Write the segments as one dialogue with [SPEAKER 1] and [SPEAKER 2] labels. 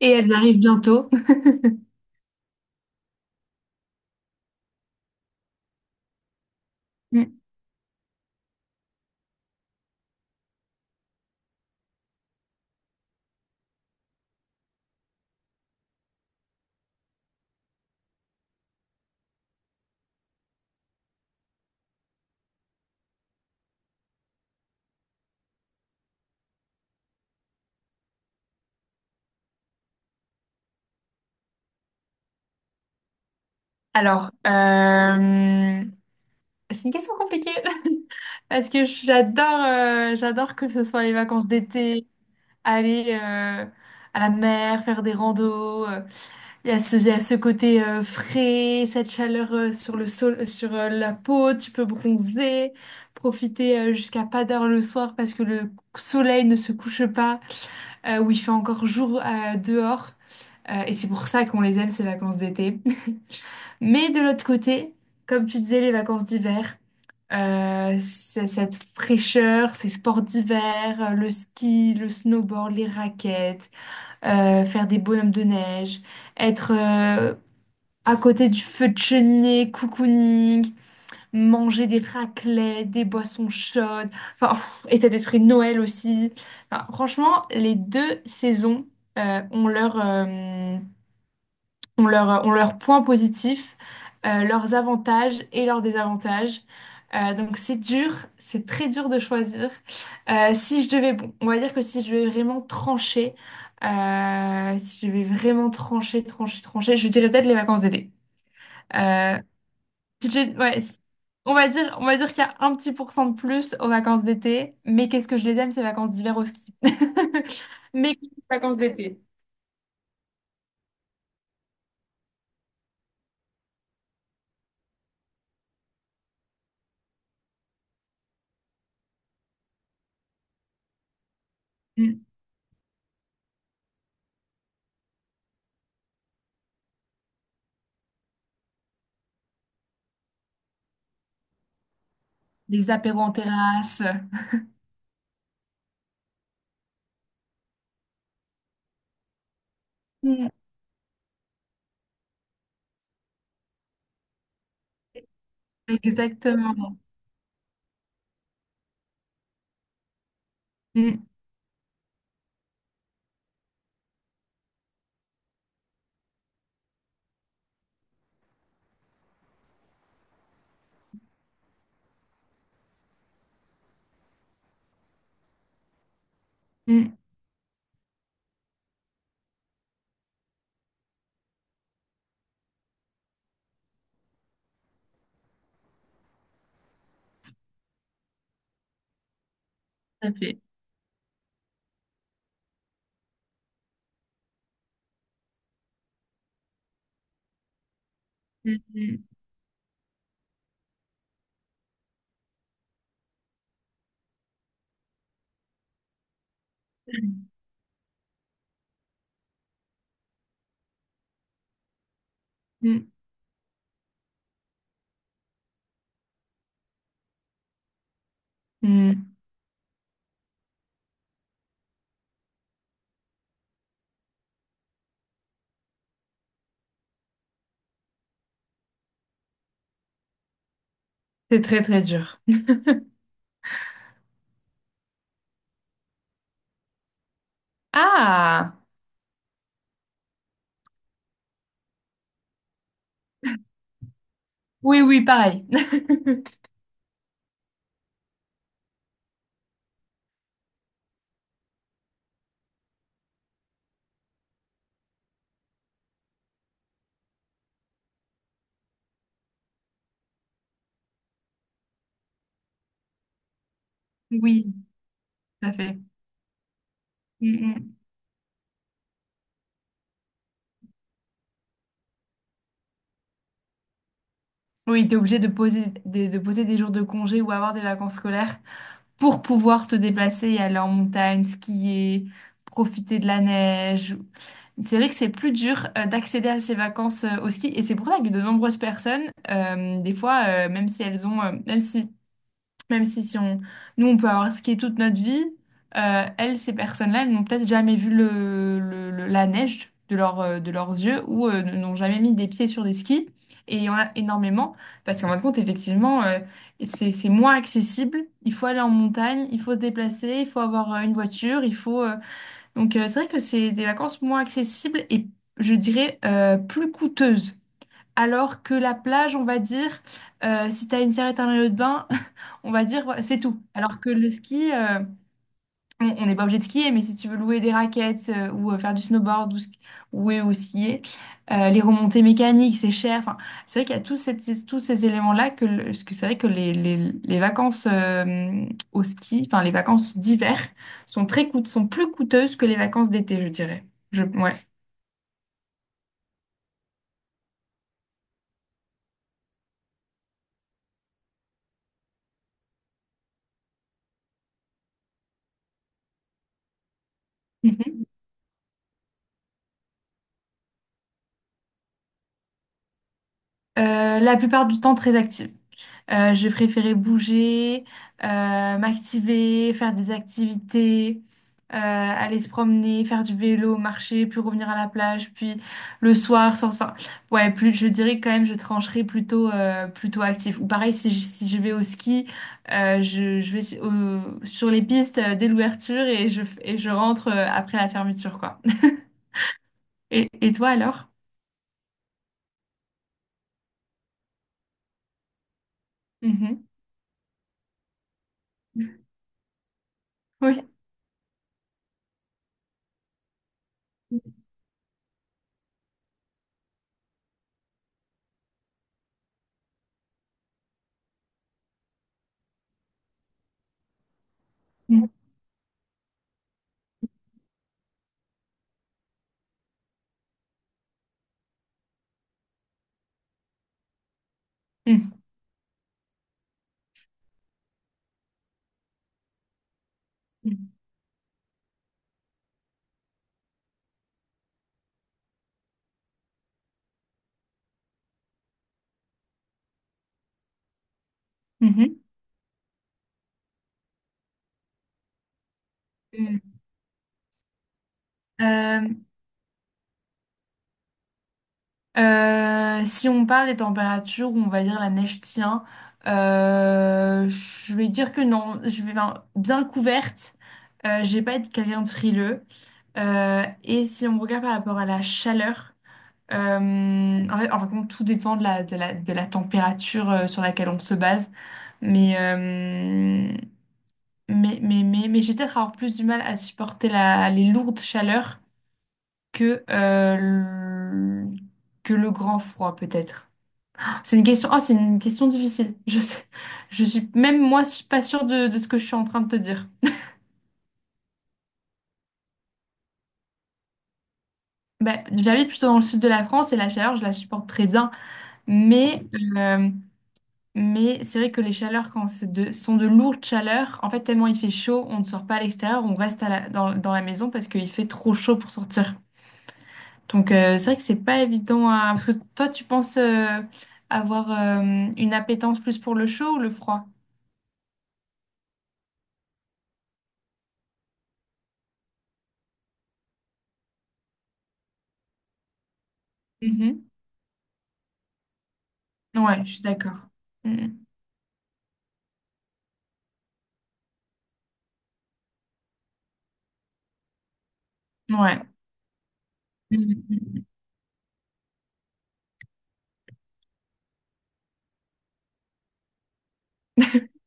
[SPEAKER 1] Et elles arrivent bientôt. Mm. Alors, euh, c'est une question compliquée parce que j'adore que ce soit les vacances d'été, aller à la mer, faire des randos. Il y a ce côté frais, cette chaleur sur le sol, sur la peau, tu peux bronzer, profiter jusqu'à pas d'heure le soir parce que le soleil ne se couche pas, où il fait encore jour dehors. Et c'est pour ça qu'on les aime, ces vacances d'été. Mais de l'autre côté, comme tu disais, les vacances d'hiver, c'est cette fraîcheur, ces sports d'hiver, le ski, le snowboard, les raquettes, faire des bonhommes de neige, être à côté du feu de cheminée, cocooning, manger des raclettes, des boissons chaudes, enfin, pff, et t'as des trucs Noël aussi. Enfin, franchement, les deux saisons ont leur point positif, leurs avantages et leurs désavantages. Donc c'est dur, c'est très dur de choisir. Si je devais, bon, on va dire que si je devais vraiment trancher, si je devais vraiment trancher, je dirais peut-être les vacances d'été. Euh, si je- ouais, si- On va dire, on va dire qu'il y a un petit pourcent de plus aux vacances d'été, mais qu'est-ce que je les aime, ces vacances d'hiver au ski. Mais les vacances d'été, mm, les apéros en terrasse. Exactement. Mm, mm, tout à fait. Mm, mm, mm, mm. C'est très très dur. Ah! Oui, oui, pareil. Oui, tout à fait. Mm, mm. Oui, tu es obligé de de poser des jours de congé ou avoir des vacances scolaires pour pouvoir te déplacer et aller en montagne, skier, profiter de la neige. C'est vrai que c'est plus dur d'accéder à ces vacances au ski et c'est pour ça que de nombreuses personnes, des fois, même si elles ont, même si Même si, si on, nous, on peut avoir skié toute notre vie, elles, ces personnes-là, elles n'ont peut-être jamais vu la neige de, de leurs yeux ou n'ont jamais mis des pieds sur des skis. Et il y en a énormément parce qu'en fin de compte, effectivement, c'est moins accessible. Il faut aller en montagne, il faut se déplacer, il faut avoir une voiture, il faut... Donc, c'est vrai que c'est des vacances moins accessibles et, je dirais, plus coûteuses. Alors que la plage, on va dire, si tu as une serviette, un maillot de bain, on va dire, ouais, c'est tout. Alors que le ski, on n'est pas obligé de skier, mais si tu veux louer des raquettes ou faire du snowboard ou skier, les remontées mécaniques, c'est cher. Enfin, c'est vrai qu'il y a tous ces éléments-là que, le- parce que c'est vrai que les vacances au ski, enfin les vacances d'hiver, sont très coûte, sont plus coûteuses que les vacances d'été, je dirais. Je, ouais. Mhm. La plupart du temps très active. Je préférais bouger, euh, m'activer, faire des activités, aller se promener, faire du vélo, marcher, puis revenir à la plage, puis le soir sans... Enfin, ouais, plus, je dirais quand même, je trancherais plutôt, plutôt actif. Ou pareil, si je vais au ski, je vais sur les pistes dès l'ouverture et je rentre après la fermeture, quoi. Et toi alors? Mhm. Oui. Mhm. Mhm. Mhm. Mhm. Euh, Si on parle des températures où on va dire la neige tient, je vais dire que non, je vais ben, bien couverte. Je vais pas être quelqu'un de frileux. Et si on regarde par rapport à la chaleur, euh, en fait, en fin de compte, tout dépend de la température sur laquelle on se base. Mais, euh, mais j'ai peut-être avoir plus du mal à supporter les lourdes chaleurs que, que le grand froid, peut-être. C'est une question, oh c'est une question difficile. Je sais, je suis même moi, je suis pas sûre de ce que je suis en train de te dire. Bah, j'habite plutôt dans le sud de la France et la chaleur, je la supporte très bien. Mais, euh, mais c'est vrai que les chaleurs, quand c'est de, sont de lourdes chaleurs, en fait, tellement il fait chaud, on ne sort pas à l'extérieur, on reste dans, dans la maison parce qu'il fait trop chaud pour sortir. Donc, c'est vrai que c'est pas évident à... Parce que toi, tu penses avoir une appétence plus pour le chaud ou le froid? Mhm. Ouais, je suis d'accord. Mhm. Ouais. Mhm.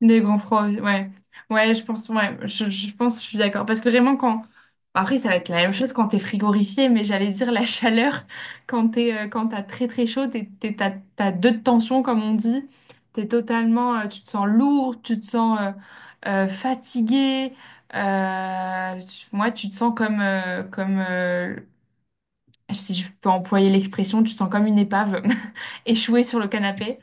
[SPEAKER 1] Des grands froids, ouais. Ouais, je pense, je suis d'accord. Parce que vraiment, quand. Après, ça va être la même chose quand t'es frigorifié, mais j'allais dire la chaleur, quand t'as très très chaud, t'as deux de tension, comme on dit. T'es totalement. Tu te sens lourd, tu te sens fatigué. Moi, tu te sens comme si je peux employer l'expression, tu te sens comme une épave échouée sur le canapé.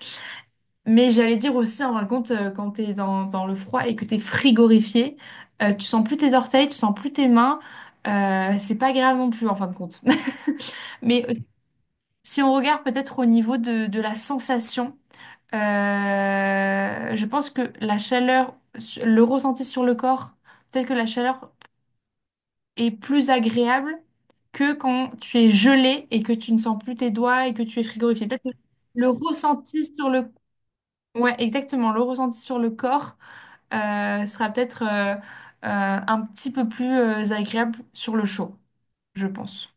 [SPEAKER 1] Mais j'allais dire aussi, en fin de compte, quand t'es dans, dans le froid et que t'es frigorifié, tu sens plus tes orteils, tu sens plus tes mains. C'est pas agréable non plus, en fin de compte. Mais si on regarde peut-être au niveau de la sensation, je pense que la chaleur, su- le ressenti sur le corps, peut-être que la chaleur est plus agréable que quand tu es gelé et que tu ne sens plus tes doigts et que tu es frigorifié. Peut-être que le ressenti sur le... Ouais, exactement, le ressenti sur le corps. Sera peut-être un petit peu plus agréable sur le chaud, je pense.